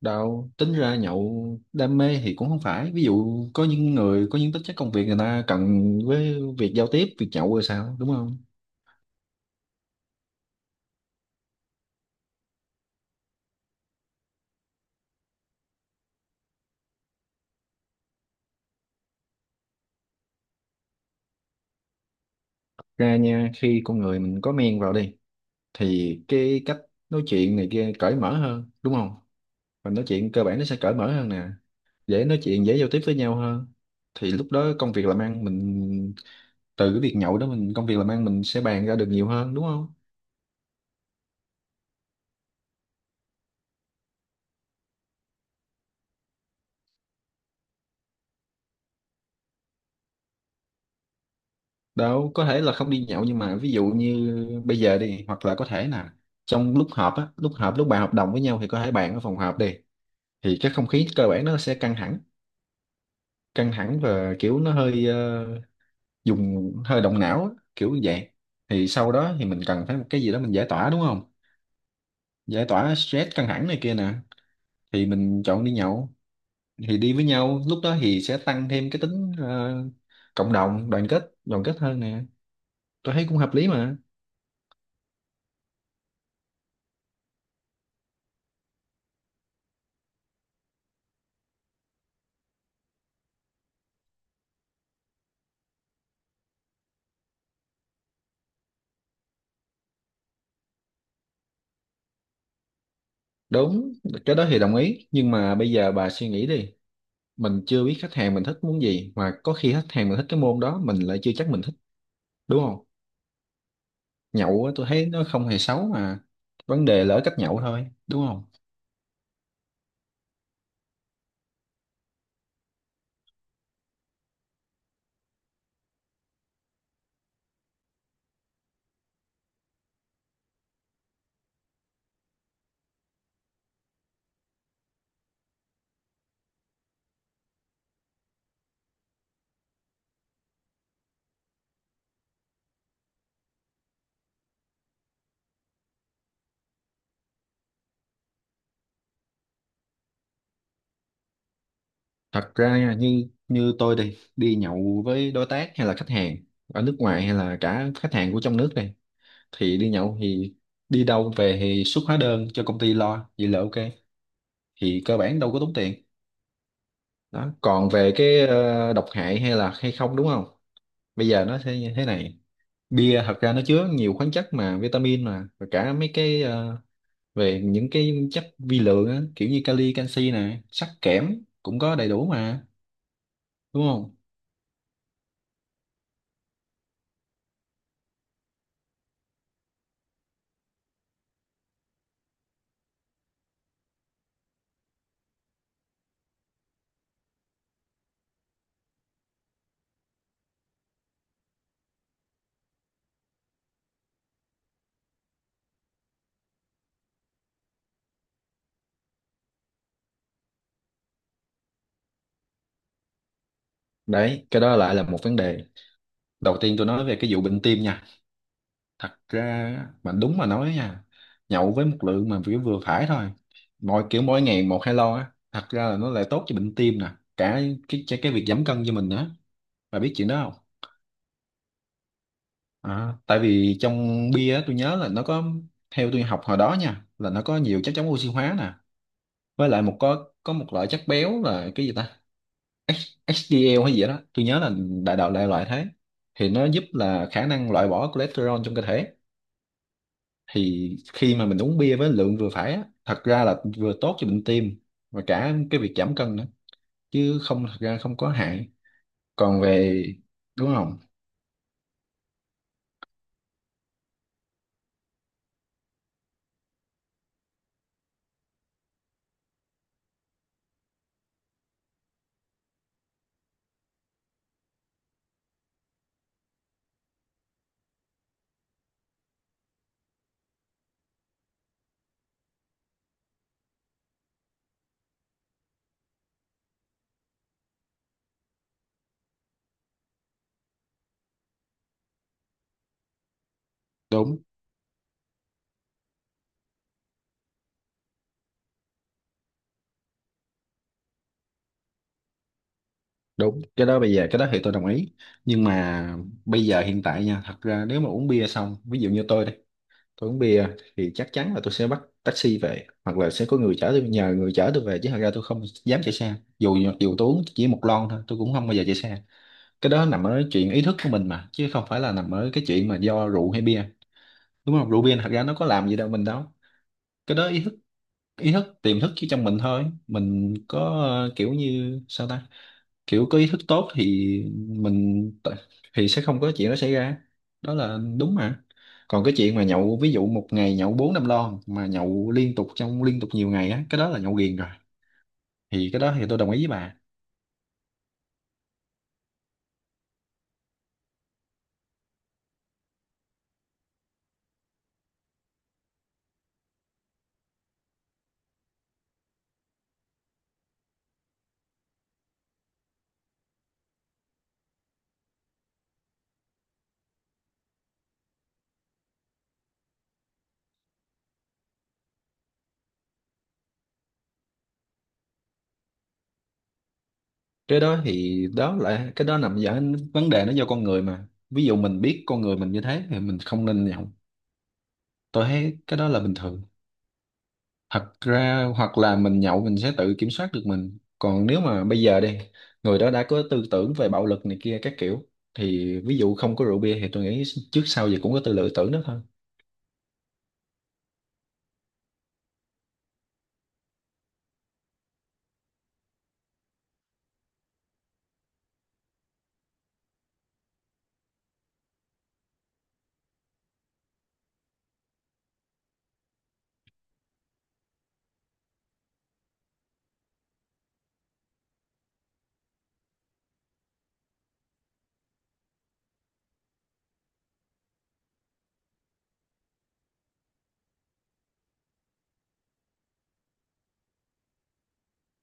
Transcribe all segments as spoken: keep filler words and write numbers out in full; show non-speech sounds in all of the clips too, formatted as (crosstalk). Đâu, tính ra nhậu đam mê thì cũng không phải. Ví dụ có những người có những tính chất công việc người ta cần với việc giao tiếp, việc nhậu rồi sao, đúng không? Ra nha, khi con người mình có men vào đi thì cái cách nói chuyện này kia cởi mở hơn, đúng không? Và nói chuyện cơ bản nó sẽ cởi mở hơn nè, dễ nói chuyện, dễ giao tiếp với nhau hơn. Thì lúc đó công việc làm ăn mình từ cái việc nhậu đó mình công việc làm ăn mình sẽ bàn ra được nhiều hơn, đúng không? Đâu có thể là không đi nhậu, nhưng mà ví dụ như bây giờ đi, hoặc là có thể là trong lúc họp á lúc họp lúc bàn hợp đồng với nhau thì có thể bàn ở phòng họp đi, thì cái không khí cơ bản nó sẽ căng thẳng căng thẳng và kiểu nó hơi ờ, dùng hơi động não á, kiểu như vậy. Thì sau đó thì mình cần phải một cái gì đó mình giải tỏa, đúng không? Giải tỏa stress, căng thẳng này kia nè, thì mình chọn đi nhậu. Thì đi với nhau lúc đó thì sẽ tăng thêm cái tính ờ, cộng đồng, đoàn kết đoàn kết hơn nè, tôi thấy cũng hợp lý mà. Đúng, cái đó thì đồng ý, nhưng mà bây giờ bà suy nghĩ đi, mình chưa biết khách hàng mình thích muốn gì, mà có khi khách hàng mình thích cái môn đó, mình lại chưa chắc mình thích, đúng không? Nhậu á, tôi thấy nó không hề xấu mà, vấn đề là ở cách nhậu thôi, đúng không? Thật ra nha, như như tôi đi, đi nhậu với đối tác hay là khách hàng ở nước ngoài hay là cả khách hàng của trong nước đây, thì đi nhậu thì đi đâu về thì xuất hóa đơn cho công ty lo, vậy là ok, thì cơ bản đâu có tốn tiền. Đó, còn về cái ờ, độc hại hay là hay không, đúng không? Bây giờ nó sẽ như thế này, bia thật ra nó chứa nhiều khoáng chất mà vitamin mà, và cả mấy cái ờ, về những cái chất vi lượng á, kiểu như kali, canxi nè, sắt, kẽm cũng có đầy đủ mà, đúng không? Đấy, cái đó lại là một vấn đề. Đầu tiên tôi nói về cái vụ bệnh tim nha, thật ra á, mà đúng mà nói nha, nhậu với một lượng mà vừa vừa phải thôi, mỗi kiểu mỗi ngày một hai lon á, thật ra là nó lại tốt cho bệnh tim nè, cả cái cái cái việc giảm cân cho mình nữa. Bà biết chuyện đó không? À, tại vì trong bia á, tôi nhớ là nó có, theo tôi học hồi đó nha, là nó có nhiều chất chống oxy hóa nè, với lại một có có một loại chất béo là cái gì ta, H hát đi eo hay gì đó, tôi nhớ là đại đạo đại loại thế, thì nó giúp là khả năng loại bỏ cholesterol trong cơ thể. Thì khi mà mình uống bia với lượng vừa phải á, thật ra là vừa tốt cho bệnh tim và cả cái việc giảm cân nữa, chứ không, thật ra không có hại. Còn về, đúng không? Đúng, đúng, cái đó bây giờ cái đó thì tôi đồng ý. Nhưng mà bây giờ hiện tại nha, thật ra nếu mà uống bia xong, ví dụ như tôi đây, tôi uống bia thì chắc chắn là tôi sẽ bắt taxi về, hoặc là sẽ có người chở tôi, nhờ người chở tôi về, chứ thật ra tôi không dám chạy xe. Dù dù tôi uống chỉ một lon thôi, tôi cũng không bao giờ chạy xe. Cái đó nằm ở chuyện ý thức của mình mà, chứ không phải là nằm ở cái chuyện mà do rượu hay bia, đúng không? Rượu bia thật ra nó có làm gì đâu, mình đâu. Cái đó ý thức, ý thức tiềm thức chứ trong mình thôi, mình có ờ, kiểu như sao ta, kiểu có ý thức tốt thì mình t- thì sẽ không có chuyện đó xảy ra, đó là đúng mà. Còn cái chuyện mà nhậu ví dụ một ngày nhậu bốn năm lon mà nhậu liên tục trong liên tục nhiều ngày á, cái đó là nhậu ghiền rồi, thì cái đó thì tôi đồng ý với bà. Cái đó thì đó là cái đó nằm ở vấn đề nó do con người mà ví dụ mình biết con người mình như thế thì mình không nên nhậu tôi thấy cái đó là bình thường thật ra hoặc là mình nhậu mình sẽ tự kiểm soát được mình còn nếu mà bây giờ đi người đó đã có tư tưởng về bạo lực này kia các kiểu thì ví dụ không có rượu bia thì tôi nghĩ trước sau gì cũng có tư lựa tưởng đó thôi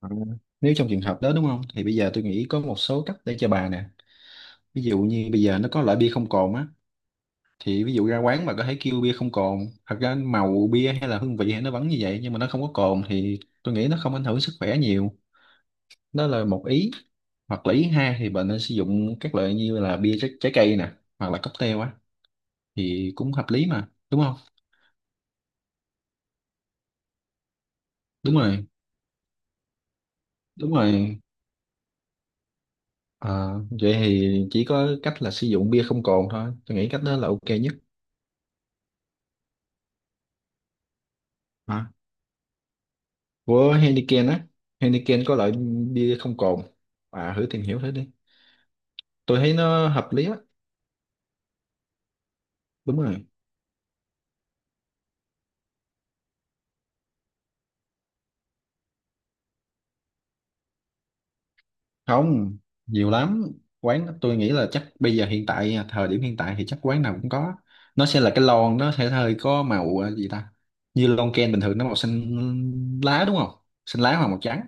Ừ. Nếu trong trường hợp đó đúng không, thì bây giờ tôi nghĩ có một số cách để cho bà nè. Ví dụ như bây giờ nó có loại bia không cồn á, thì ví dụ ra quán bà có thể kêu bia không cồn. Thật ra màu bia hay là hương vị hay nó vẫn như vậy, nhưng mà nó không có cồn thì tôi nghĩ nó không ảnh hưởng sức khỏe nhiều. Đó là một ý. Hoặc là ý hai thì bạn nên sử dụng các loại như là bia trái, trái cây nè, hoặc là cocktail á, thì cũng hợp lý mà, đúng không? Đúng rồi. Đúng rồi. Ờ, vậy thì chỉ có cách là sử dụng bia không cồn thôi, tôi nghĩ cách đó là ok nhất. Hả? Của Heineken á, Heineken có loại bia không cồn. À thử tìm hiểu thử đi, tôi thấy nó hợp lý á, đúng rồi. Không, nhiều lắm quán, tôi nghĩ là chắc bây giờ hiện tại à, thời điểm hiện tại thì chắc quán nào cũng có. Nó sẽ là cái lon, nó sẽ hơi có màu ờ, gì ta, như lon ken bình thường nó màu xanh lá, đúng không? Xanh lá hoặc màu trắng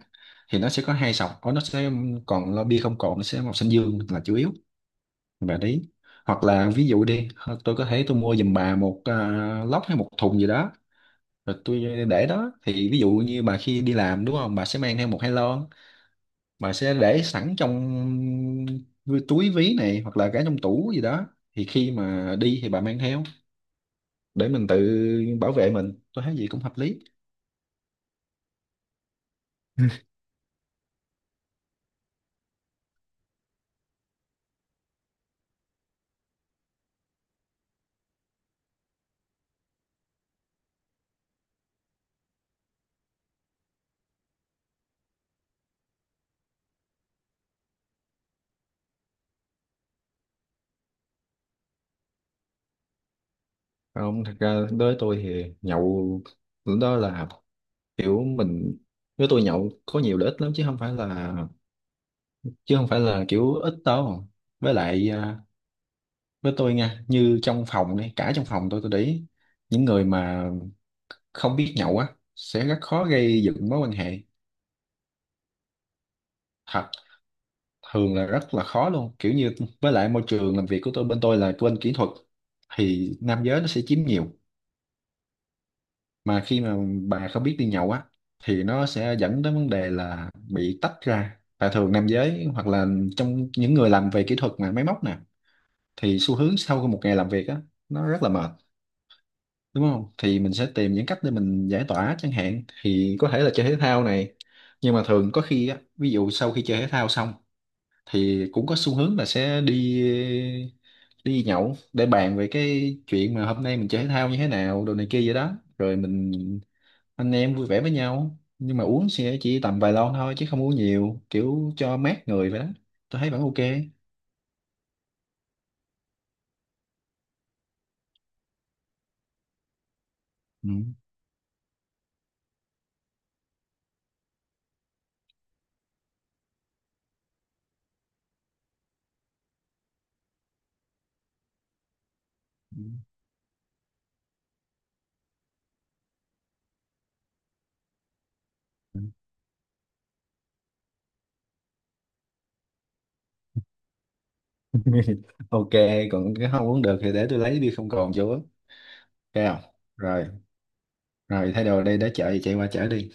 thì nó sẽ có hai sọc. Có, nó sẽ, còn lo bia không cồn nó sẽ màu xanh dương là chủ yếu. Và đấy, hoặc là ví dụ đi, tôi có thể tôi mua giùm bà một ờ, lốc hay một thùng gì đó, rồi tôi để đó. Thì ví dụ như bà khi đi làm đúng không, bà sẽ mang theo một hai lon mà sẽ để sẵn trong vi- túi ví này hoặc là cả trong tủ gì đó. Thì khi mà đi thì bà mang theo để mình tự bảo vệ mình, tôi thấy gì cũng hợp lý. Không thật ra đối với tôi thì nhậu lúc đó là kiểu mình, nếu tôi nhậu có nhiều lợi ích lắm, chứ không phải là chứ không phải là kiểu ít đâu. Với lại à, với tôi nha, như trong phòng này, cả trong phòng tôi tôi để ý những người mà không biết nhậu á sẽ rất khó gây dựng mối quan hệ. Thật, thường là rất là khó luôn, kiểu như với lại môi trường làm việc của tôi, bên tôi là bên kỹ thuật thì nam giới nó sẽ chiếm nhiều. Mà khi mà bà không biết đi nhậu á thì nó sẽ dẫn đến vấn đề là bị tách ra. Và thường nam giới hoặc là trong những người làm về kỹ thuật mà máy móc nè, thì xu hướng sau một ngày làm việc á, nó rất là mệt, đúng không? Thì mình sẽ tìm những cách để mình giải tỏa, chẳng hạn thì có thể là chơi thể thao này. Nhưng mà thường có khi á, ví dụ sau khi chơi thể thao xong thì cũng có xu hướng là sẽ đi, đi nhậu để bàn về cái chuyện mà hôm nay mình chơi thể thao như thế nào đồ này kia vậy đó, rồi mình anh em vui vẻ với nhau. Nhưng mà uống sẽ chỉ tầm vài lon thôi, chứ không uống nhiều, kiểu cho mát người vậy đó, tôi thấy vẫn ok. Ừ. Ừ. (laughs) Ok, còn cái không uống được thì để tôi lấy bia không còn chỗ, ok. Không, rồi, rồi thay đồ đây, để chợ thì chạy qua chở đi.